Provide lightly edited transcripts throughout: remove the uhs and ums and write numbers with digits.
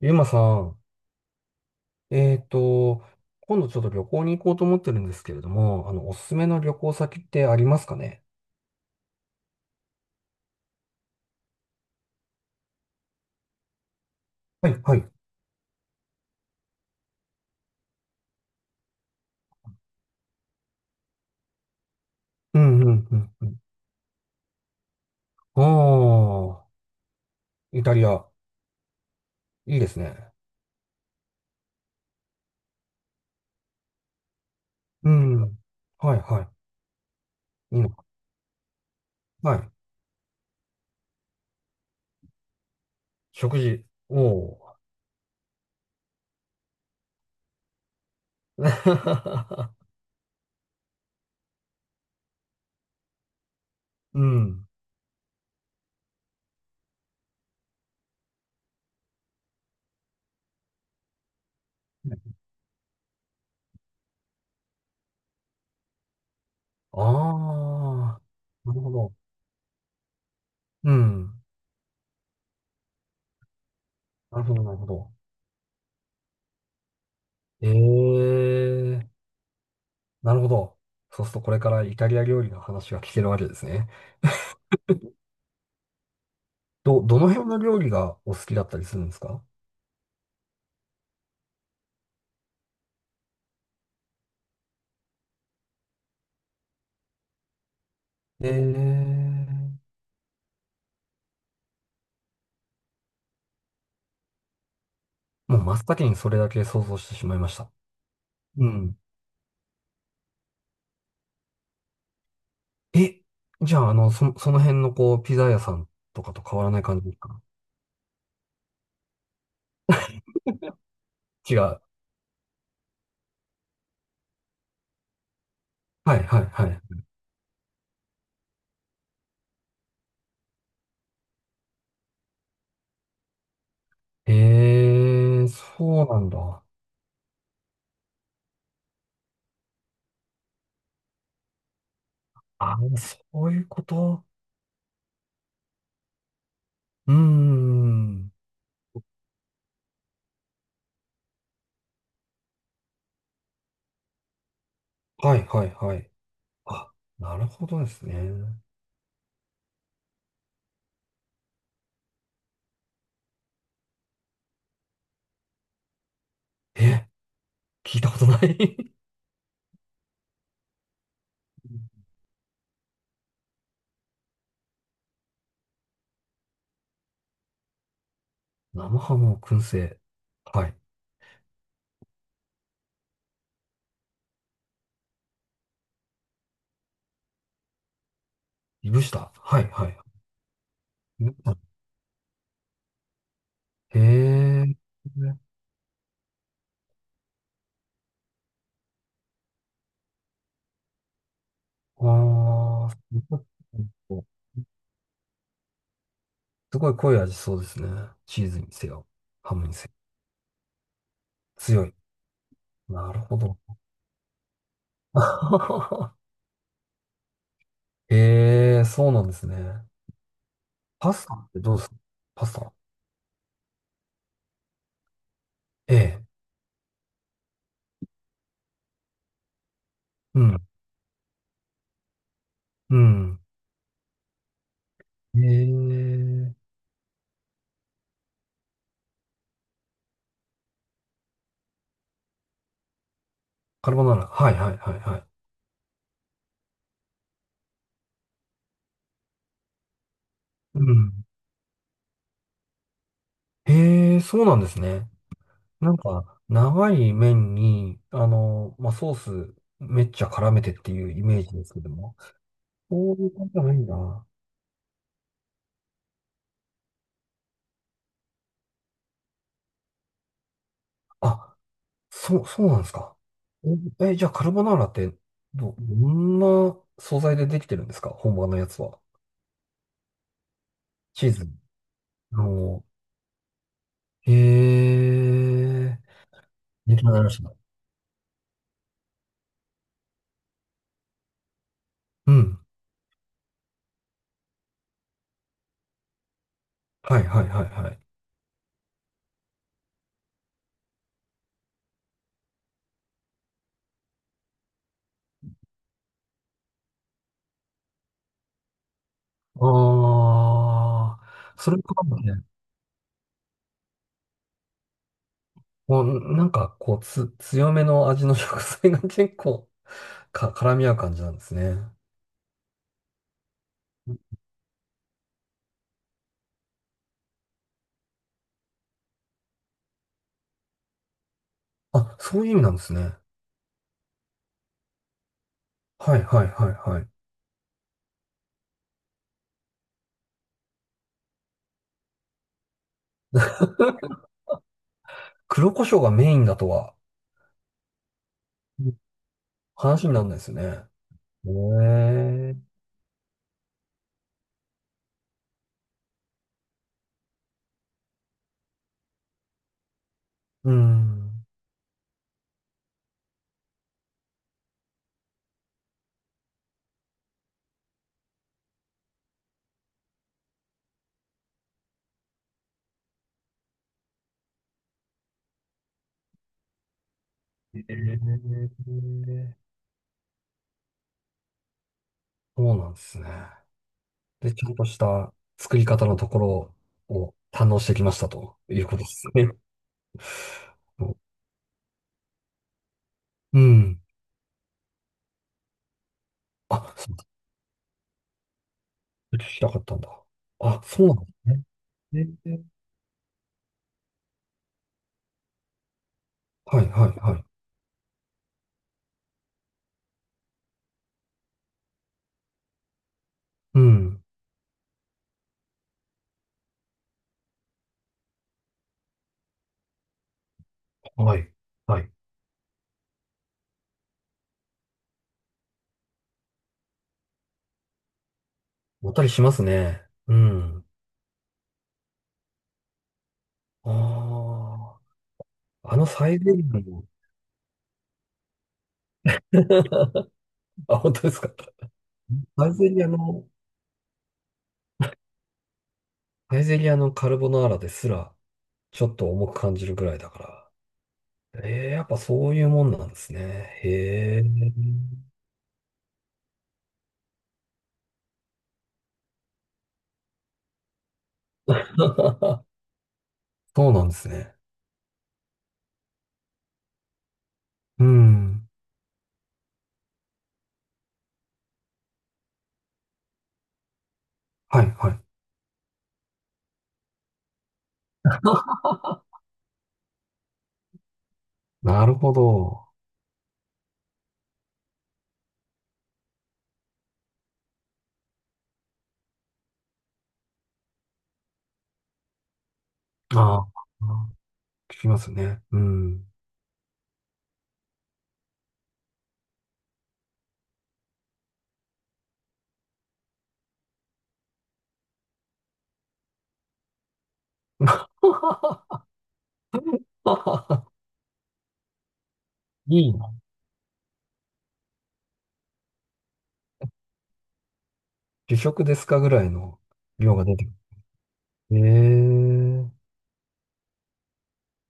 ゆうまさん、えっと、今度ちょっと旅行に行こうと思ってるんですけれども、おすすめの旅行先ってありますかね？はい、はい。うん、うん、うん、うん。ああ、イタリア、いいですね。うん。はい、はい。いいのか。はい。食事。おお。うん。ああ、なるほど。うん。なるほど、なるほど。ええ、なるほど。そうするとこれからイタリア料理の話が聞けるわけですね。どの辺の料理がお好きだったりするんですか？えーもう真っ先にそれだけ想像してしまいました。うん。え、じゃあ、あの、その辺のこう、ピザ屋さんとかと変わらない感じですか？違う。はいはいはい。えー、そうなんだ。あ、そういうこと。うーん。はいはいはい。あ、なるほどですね。え、聞いたことない。 生ハムを燻製。はい。いぶした。はいはい。へえ。ああ、すごい濃い味そうですね。チーズにせよ、ハムにせよ。強い。なるほど。ええ、そうなんですね。パスタってどうですか？パスタ。ええ。うん。うん。ええ。カルボナーラ。はいはいはいはい。うん。ええ、そうなんですね。なんか、長い麺に、あの、まあ、ソースめっちゃ絡めてっていうイメージですけども。そういう感じじゃないんだ。あ、そう、そうなんですか？じゃあカルボナーラってどんな素材でできてるんですか、本場のやつは。チーズ。の、へえ、勉強になりました。うん。はいはいはいはい。ああ、それとかもね。もうなんかこう強めの味の食材が結構絡み合う感じなんですね。あ、そういう意味なんですね。はいはいはいはい。黒胡椒がメインだとは。うん。話にならないですよね。ええ、うん。ええ、そうなんですね。で、ちゃんとした作り方のところを堪能してきましたということですね。うん。あ、そうだ。聞きたかったんだ。あ、そうなんですね。ええ、はいはいはい。うん。はい。はい。もったりしますね。うん。ああ。あのサイゼリアの、あ、本当ですか？サイゼリアの、サイゼリアのカルボナーラですら、ちょっと重く感じるぐらいだから。ええ、やっぱそういうもんなんですね。へえ。そうなんですね。うん。はい、はい。なるほど。ああ、聞きますね。うん。いいな。主食ですかぐらいの量が出てくる。え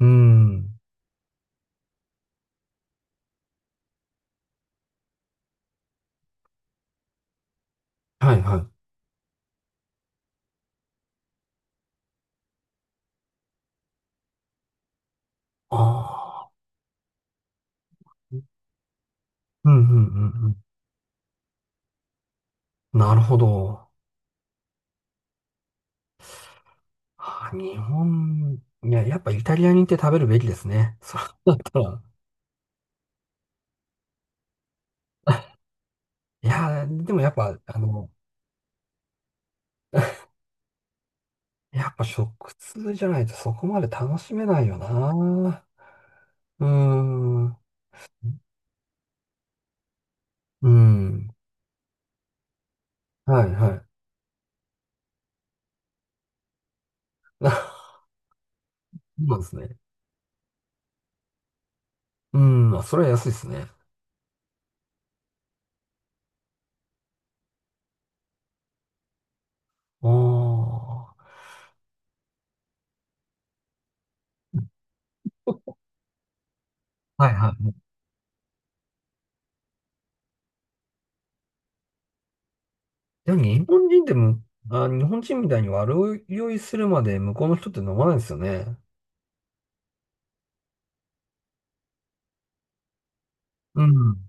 え。うん。はい、はい。ああ。うん、うん、うん。うん、なるほど。あー日本、いや、やっぱイタリアに行って食べるべきですね。そうだったら。いやー、でもやっぱ、あの、やっぱ食通じゃないとそこまで楽しめないよな。うーん。うーん。はい、はい。そうなんですね。うーん、まあ、それは安いですね。あ、はいはい。でも日本人でも、あ、日本人みたいに悪酔いするまで向こうの人って飲まないですよね。うん。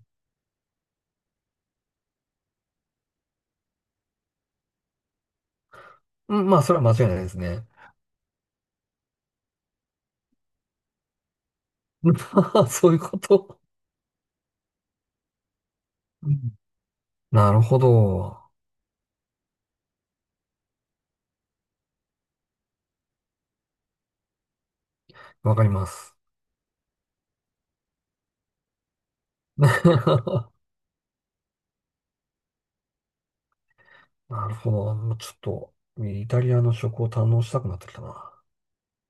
うん、まあ、それは間違いないですね。そういうこと。うん、なるほど。わかります。なるほど。ちょっと、イタリアの食を堪能したくなってきたな。